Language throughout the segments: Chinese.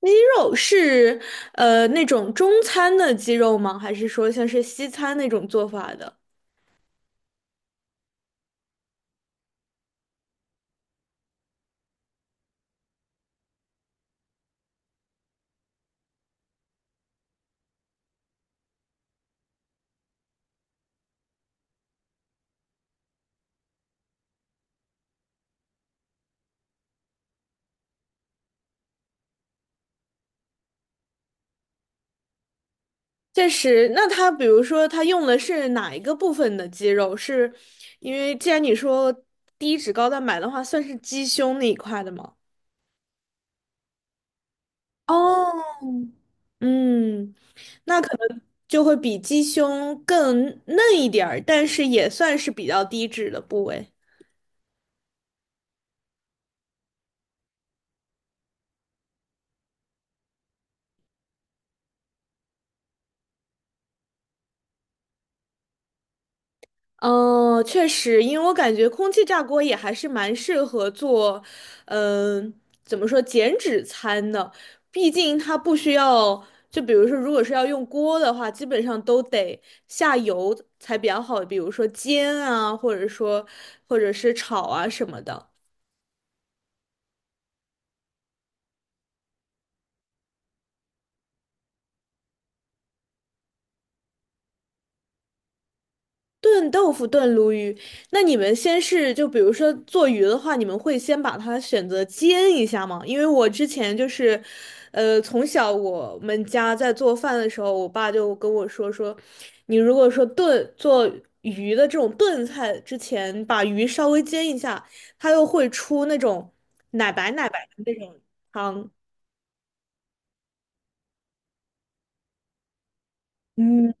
鸡肉是那种中餐的鸡肉吗？还是说像是西餐那种做法的？确实，那它比如说它用的是哪一个部分的鸡肉？是因为既然你说低脂高蛋白的话，算是鸡胸那一块的吗？哦，嗯，那可能就会比鸡胸更嫩一点儿，但是也算是比较低脂的部位。哦，确实，因为我感觉空气炸锅也还是蛮适合做，嗯、怎么说减脂餐的？毕竟它不需要，就比如说，如果是要用锅的话，基本上都得下油才比较好，比如说煎啊，或者说或者是炒啊什么的。炖豆腐、炖鲈鱼，那你们先是就比如说做鱼的话，你们会先把它选择煎一下吗？因为我之前就是，从小我们家在做饭的时候，我爸就跟我说，你如果说炖做鱼的这种炖菜之前，把鱼稍微煎一下，它又会出那种奶白奶白的那种汤。嗯，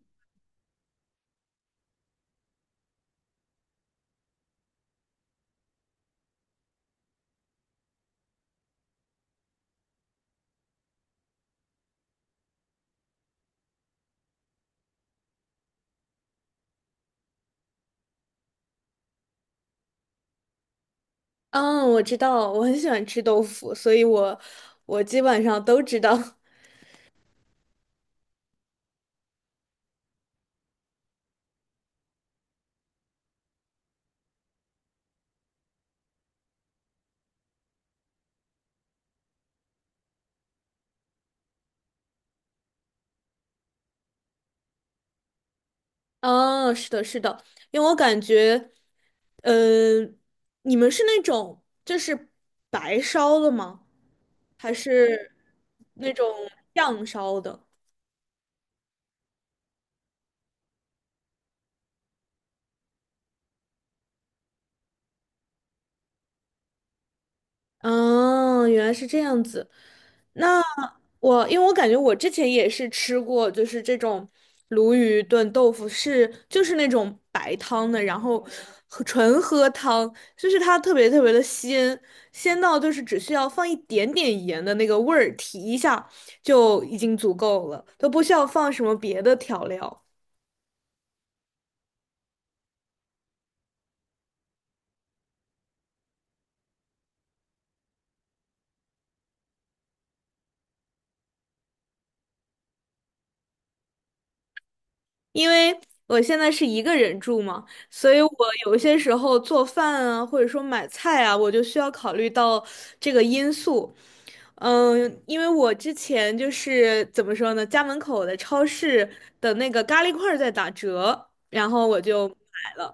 嗯，我知道，我很喜欢吃豆腐，所以我基本上都知道。哦，是的，是的，因为我感觉，嗯，你们是那种就是白烧的吗？还是那种酱烧的？哦，原来是这样子。那我，因为我感觉我之前也是吃过，就是这种鲈鱼炖豆腐是，就是那种白汤的，然后喝纯喝汤，就是它特别特别的鲜，鲜到就是只需要放一点点盐的那个味儿提一下就已经足够了，都不需要放什么别的调料。因为我现在是一个人住嘛，所以我有些时候做饭啊，或者说买菜啊，我就需要考虑到这个因素。嗯，因为我之前就是怎么说呢，家门口的超市的那个咖喱块儿在打折，然后我就买了。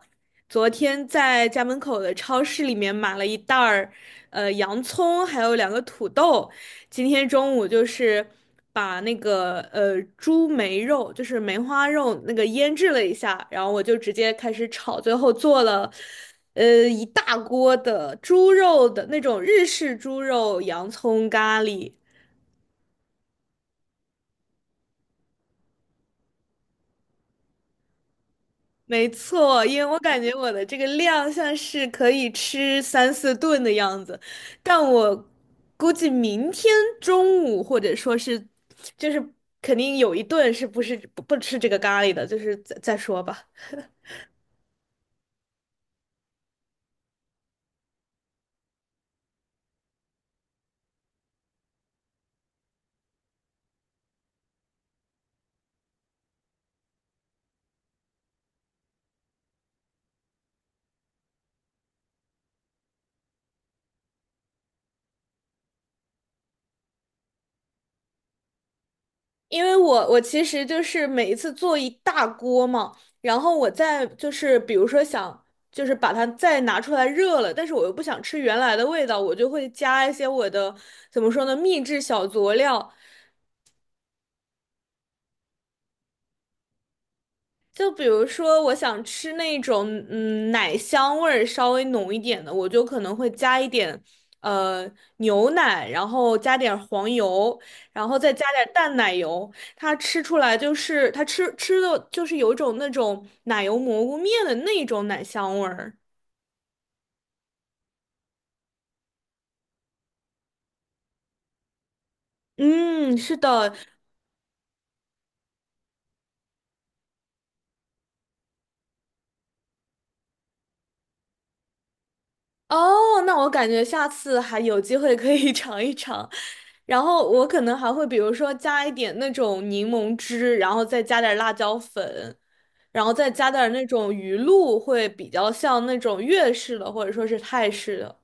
昨天在家门口的超市里面买了一袋儿，洋葱，还有两个土豆，今天中午就是把那个猪梅肉，就是梅花肉那个腌制了一下，然后我就直接开始炒，最后做了一大锅的猪肉的那种日式猪肉洋葱咖喱。没错，因为我感觉我的这个量像是可以吃三四顿的样子，但我估计明天中午或者说是，就是肯定有一顿是不是不吃这个咖喱的，就是再说吧。因为我其实就是每一次做一大锅嘛，然后我再就是比如说想就是把它再拿出来热了，但是我又不想吃原来的味道，我就会加一些我的怎么说呢秘制小佐料，就比如说，我想吃那种奶香味儿稍微浓一点的，我就可能会加一点呃牛奶，然后加点黄油，然后再加点淡奶油。它吃出来就是它吃的就是有一种那种奶油蘑菇面的那种奶香味儿。嗯，是的，哦，那我感觉下次还有机会可以 尝一尝，然后我可能还会比如说加一点那种柠檬汁，然后再加点辣椒粉，然后再加点那种鱼露，会比较像那种粤式的或者说是泰式的。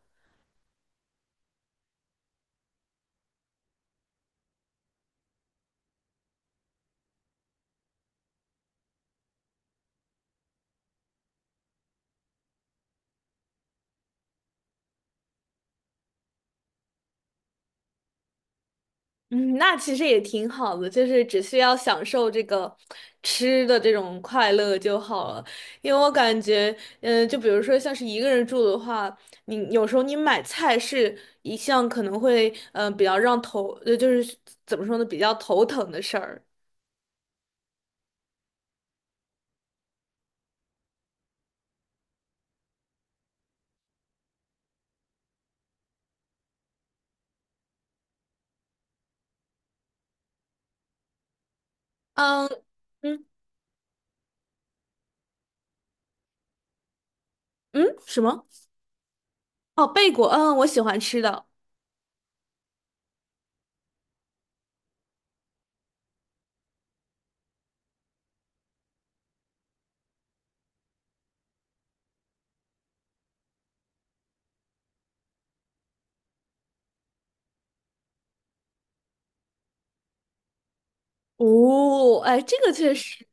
嗯，那其实也挺好的，就是只需要享受这个吃的这种快乐就好了。因为我感觉，就比如说像是一个人住的话，你有时候你买菜是一项可能会，比较让头，就是怎么说呢，比较头疼的事儿。嗯，嗯，嗯，什么？哦，贝果，嗯，我喜欢吃的。哦，哎，这个确实，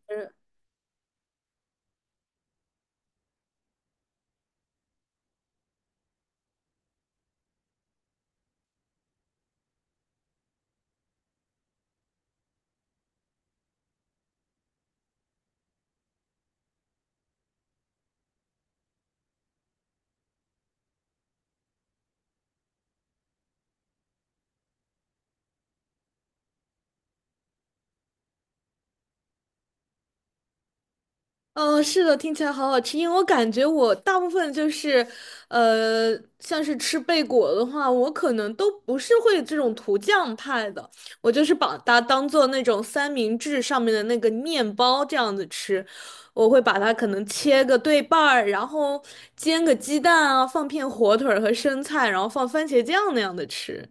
嗯，是的，听起来好好吃。因为我感觉我大部分就是，像是吃贝果的话，我可能都不是会这种涂酱派的，我就是把它当做那种三明治上面的那个面包这样子吃。我会把它可能切个对半儿，然后煎个鸡蛋啊，放片火腿儿和生菜，然后放番茄酱那样的吃。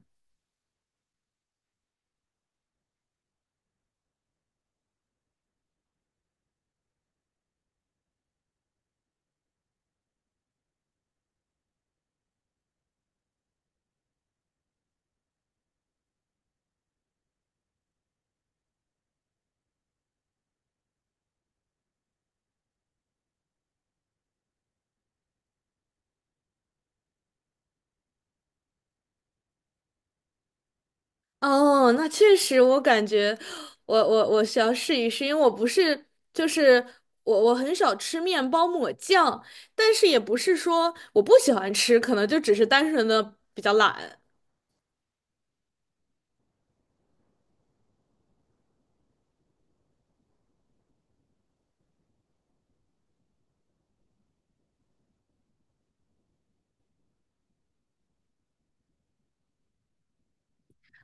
哦，那确实，我感觉我需要试一试，因为我不是就是我很少吃面包抹酱，但是也不是说我不喜欢吃，可能就只是单纯的比较懒。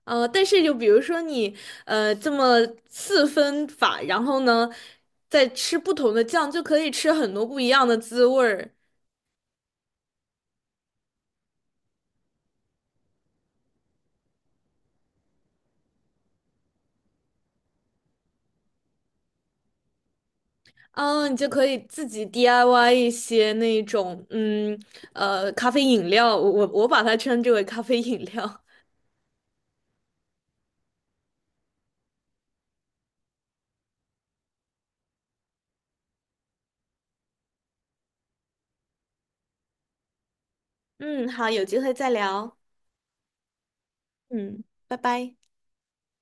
啊。但是就比如说你这么四分法，然后呢再吃不同的酱，就可以吃很多不一样的滋味儿。嗯，你就可以自己 DIY 一些那种咖啡饮料，我把它称之为咖啡饮料。嗯，好，有机会再聊。嗯，拜拜。